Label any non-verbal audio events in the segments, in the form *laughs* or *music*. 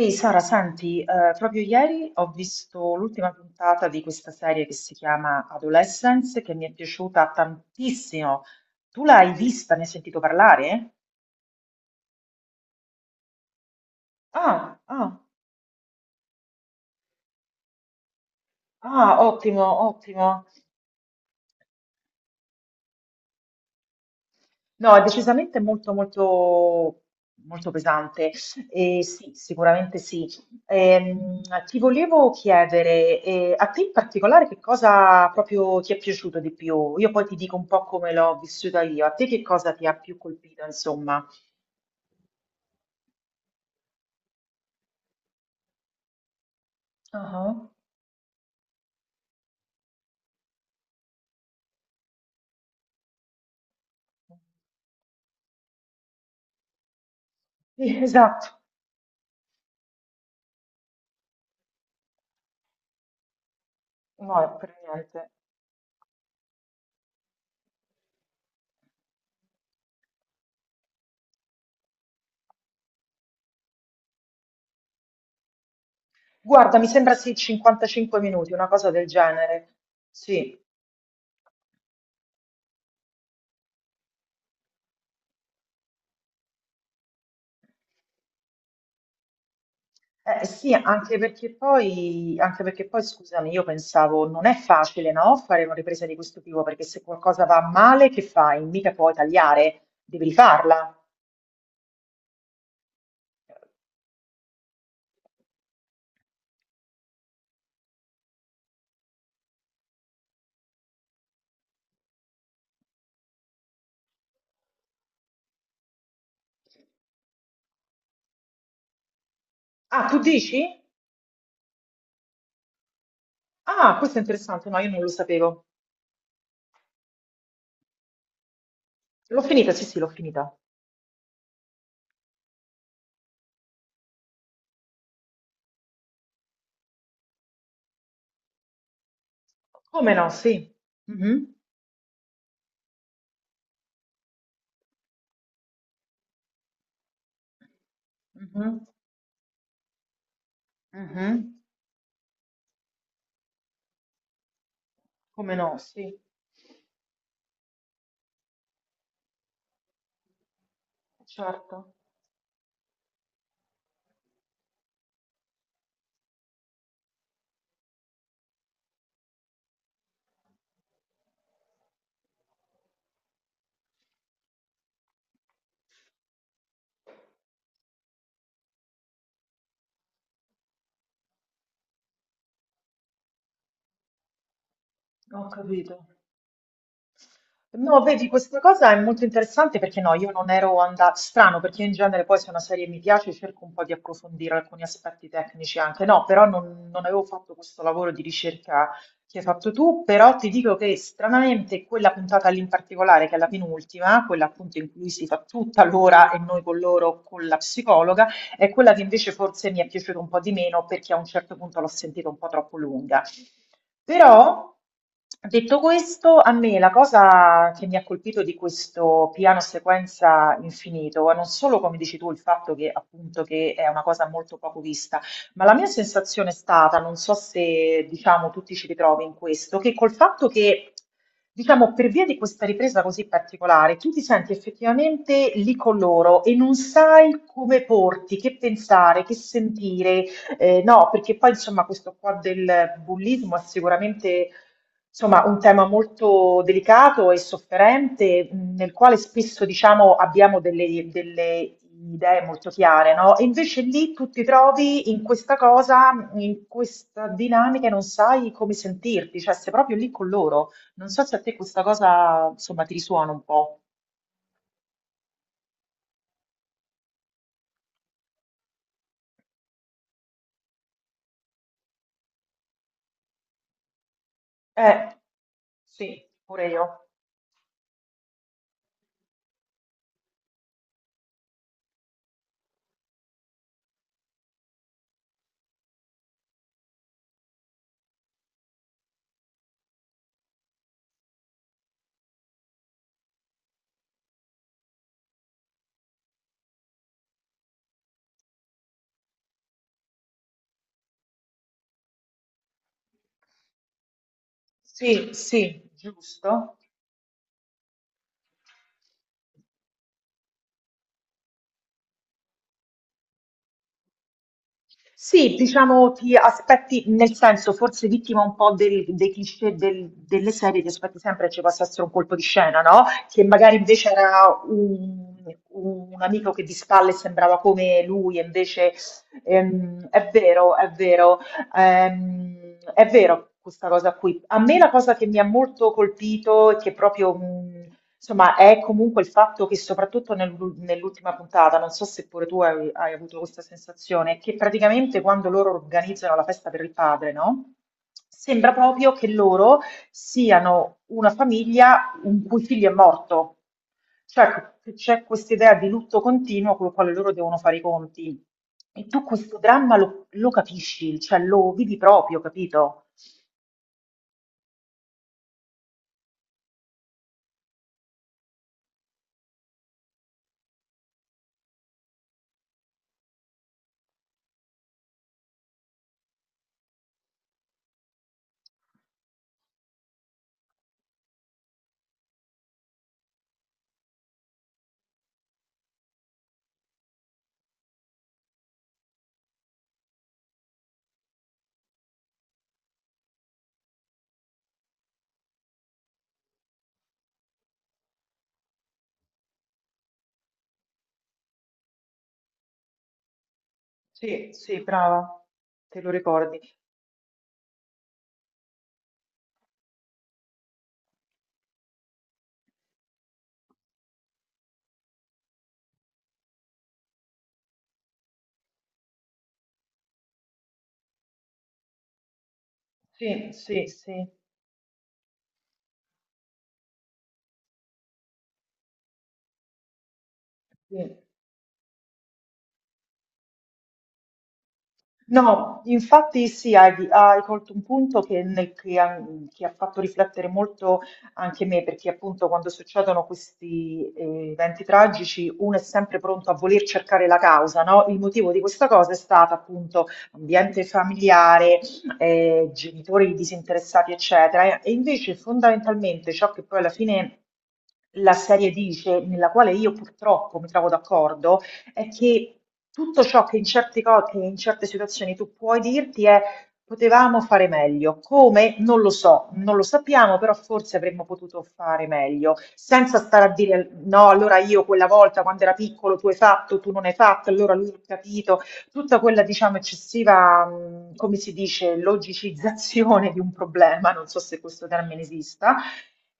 Ehi Sara, senti, proprio ieri ho visto l'ultima puntata di questa serie che si chiama Adolescence, che mi è piaciuta tantissimo. Tu l'hai vista, ne hai sentito parlare? Ah, ah, ah, ottimo, ottimo. No, è decisamente molto, molto, molto pesante. E sì, sicuramente sì. Ehm, Ti volevo chiedere, a te in particolare che cosa proprio ti è piaciuto di più? Io poi ti dico un po' come l'ho vissuta io. A te che cosa ti ha più colpito, insomma? Ah, sì, *laughs* esatto. No, per niente. Guarda, mi sembra sì, 55 minuti, una cosa del genere. Sì. Sì, anche perché poi, scusami, io pensavo non è facile, no, fare una ripresa di questo tipo, perché se qualcosa va male, che fai? Mica puoi tagliare, devi rifarla. Ah, tu dici? Ah, questo è interessante, no, io non lo sapevo. L'ho finita, sì, sì, l'ho finita. Come no, sì. Mhm, mhm, mhm. Come no, sì, certo, ho capito. No, vedi, questa cosa è molto interessante perché no, io non ero andata, strano perché in genere poi se una serie mi piace cerco un po' di approfondire alcuni aspetti tecnici anche, no, però non avevo fatto questo lavoro di ricerca che hai fatto tu, però ti dico che stranamente quella puntata lì in particolare, che è la penultima, quella appunto in cui si fa tutta l'ora e noi con loro, con la psicologa, è quella che invece forse mi è piaciuta un po' di meno perché a un certo punto l'ho sentita un po' troppo lunga. Però, detto questo, a me la cosa che mi ha colpito di questo piano sequenza infinito è non solo, come dici tu, il fatto che appunto che è una cosa molto poco vista, ma la mia sensazione è stata, non so se diciamo tu ti ci ritrovi in questo, che col fatto che diciamo per via di questa ripresa così particolare, tu ti senti effettivamente lì con loro e non sai come porti, che pensare, che sentire, no, perché poi insomma questo qua del bullismo è sicuramente insomma un tema molto delicato e sofferente, nel quale spesso, diciamo, abbiamo delle idee molto chiare, no? E invece lì tu ti trovi in questa cosa, in questa dinamica e non sai come sentirti, cioè sei proprio lì con loro. Non so se a te questa cosa, insomma, ti risuona un po'. Eh, sì, pure io. Sì, sì, giusto. Sì, diciamo ti aspetti, nel senso forse vittima un po' del- dei cliché del- delle serie, ti aspetti sempre che ci possa essere un colpo di scena, no? Che magari invece era un amico che di spalle sembrava come lui, e invece è vero, è vero, ehm, è vero questa cosa qui. A me la cosa che mi ha molto colpito e che proprio insomma, è comunque il fatto che soprattutto nell'ul- nell'ultima puntata, non so se pure tu hai, hai avuto questa sensazione, che praticamente quando loro organizzano la festa per il padre, no? Sembra proprio che loro siano una famiglia in cui il figlio è morto. Cioè, che c'è questa idea di lutto continuo con il quale loro devono fare i conti. E tu questo dramma lo, lo capisci, cioè lo vivi proprio, capito? Sì, sì, brava, te lo ricordi. Sì, sì, sì. Sì. No, infatti sì, hai, hai colto un punto che, nel- che ha fatto riflettere molto anche me, perché appunto quando succedono questi eventi tragici uno è sempre pronto a voler cercare la causa, no? Il motivo di questa cosa è stato appunto ambiente familiare, genitori disinteressati, eccetera, e invece fondamentalmente ciò che poi alla fine... la serie dice, nella quale io purtroppo mi trovo d'accordo, è che tutto ciò che in certi co- che in certe situazioni tu puoi dirti è potevamo fare meglio. Come? Non lo so, non lo sappiamo, però forse avremmo potuto fare meglio, senza stare a dire no, allora io quella volta quando era piccolo tu hai fatto, tu non hai fatto, allora lui ha capito tutta quella, diciamo, eccessiva, come si dice, logicizzazione di un problema, non so se questo termine esista,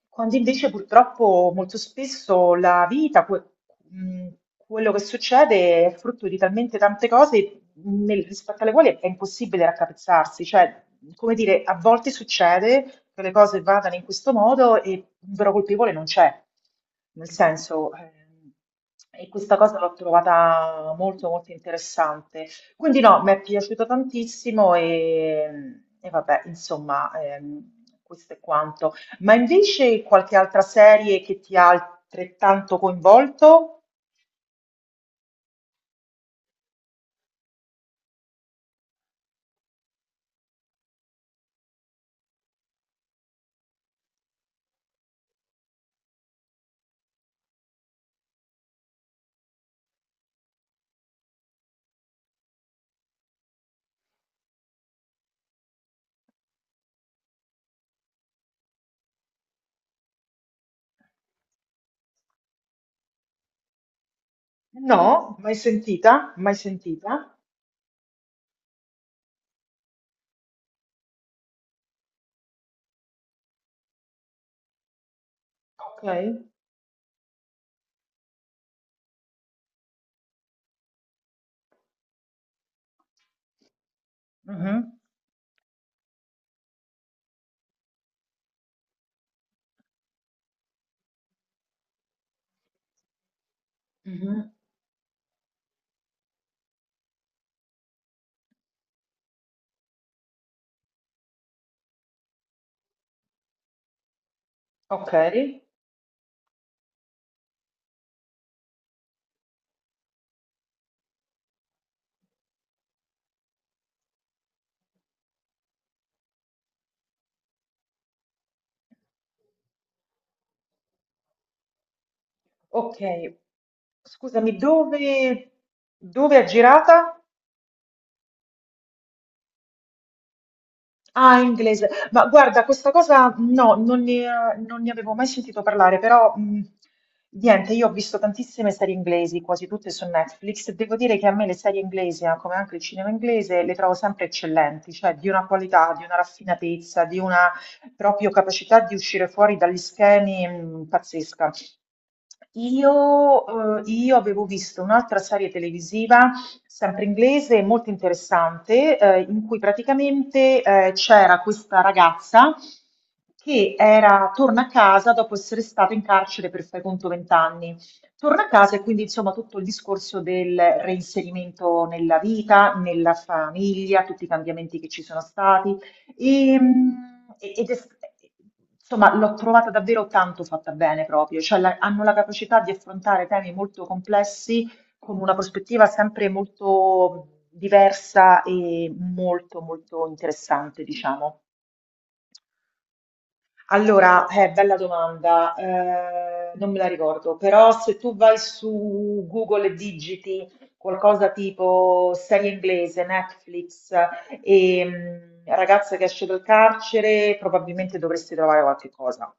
quando invece purtroppo molto spesso la vita, que- mh, quello che succede è frutto di talmente tante cose nel- rispetto alle quali è impossibile raccapezzarsi, cioè come dire, a volte succede che le cose vadano in questo modo e un vero colpevole non c'è. Nel senso, e questa cosa l'ho trovata molto molto interessante. Quindi no, mi è piaciuto tantissimo e vabbè, insomma, questo è quanto. Ma invece qualche altra serie che ti ha altrettanto coinvolto? No? Mai sentita? Mai sentita? Ok. Mhm. Mhm. Ok. Ok, scusami, dove è girata? Ah, in inglese. Ma guarda, questa cosa no, non ne avevo mai sentito parlare, però niente, io ho visto tantissime serie inglesi, quasi tutte su Netflix. Devo dire che a me le serie inglesi, come anche il cinema inglese, le trovo sempre eccellenti, cioè di una qualità, di una raffinatezza, di una proprio capacità di uscire fuori dagli schemi, pazzesca. Io avevo visto un'altra serie televisiva, sempre inglese, molto interessante, in cui praticamente c'era questa ragazza che era, torna a casa dopo essere stata in carcere per fai conto 20 anni. Torna a casa e quindi insomma tutto il discorso del reinserimento nella vita, nella famiglia, tutti i cambiamenti che ci sono stati. Ehm, E, ed è- insomma, l'ho trovata davvero tanto fatta bene proprio, cioè la- hanno la capacità di affrontare temi molto complessi con una prospettiva sempre molto diversa e molto molto interessante, diciamo. Allora, bella domanda, non me la ricordo, però se tu vai su Google e digiti qualcosa tipo serie inglese, Netflix e mm, ragazza che esce dal carcere, probabilmente dovresti trovare qualche cosa.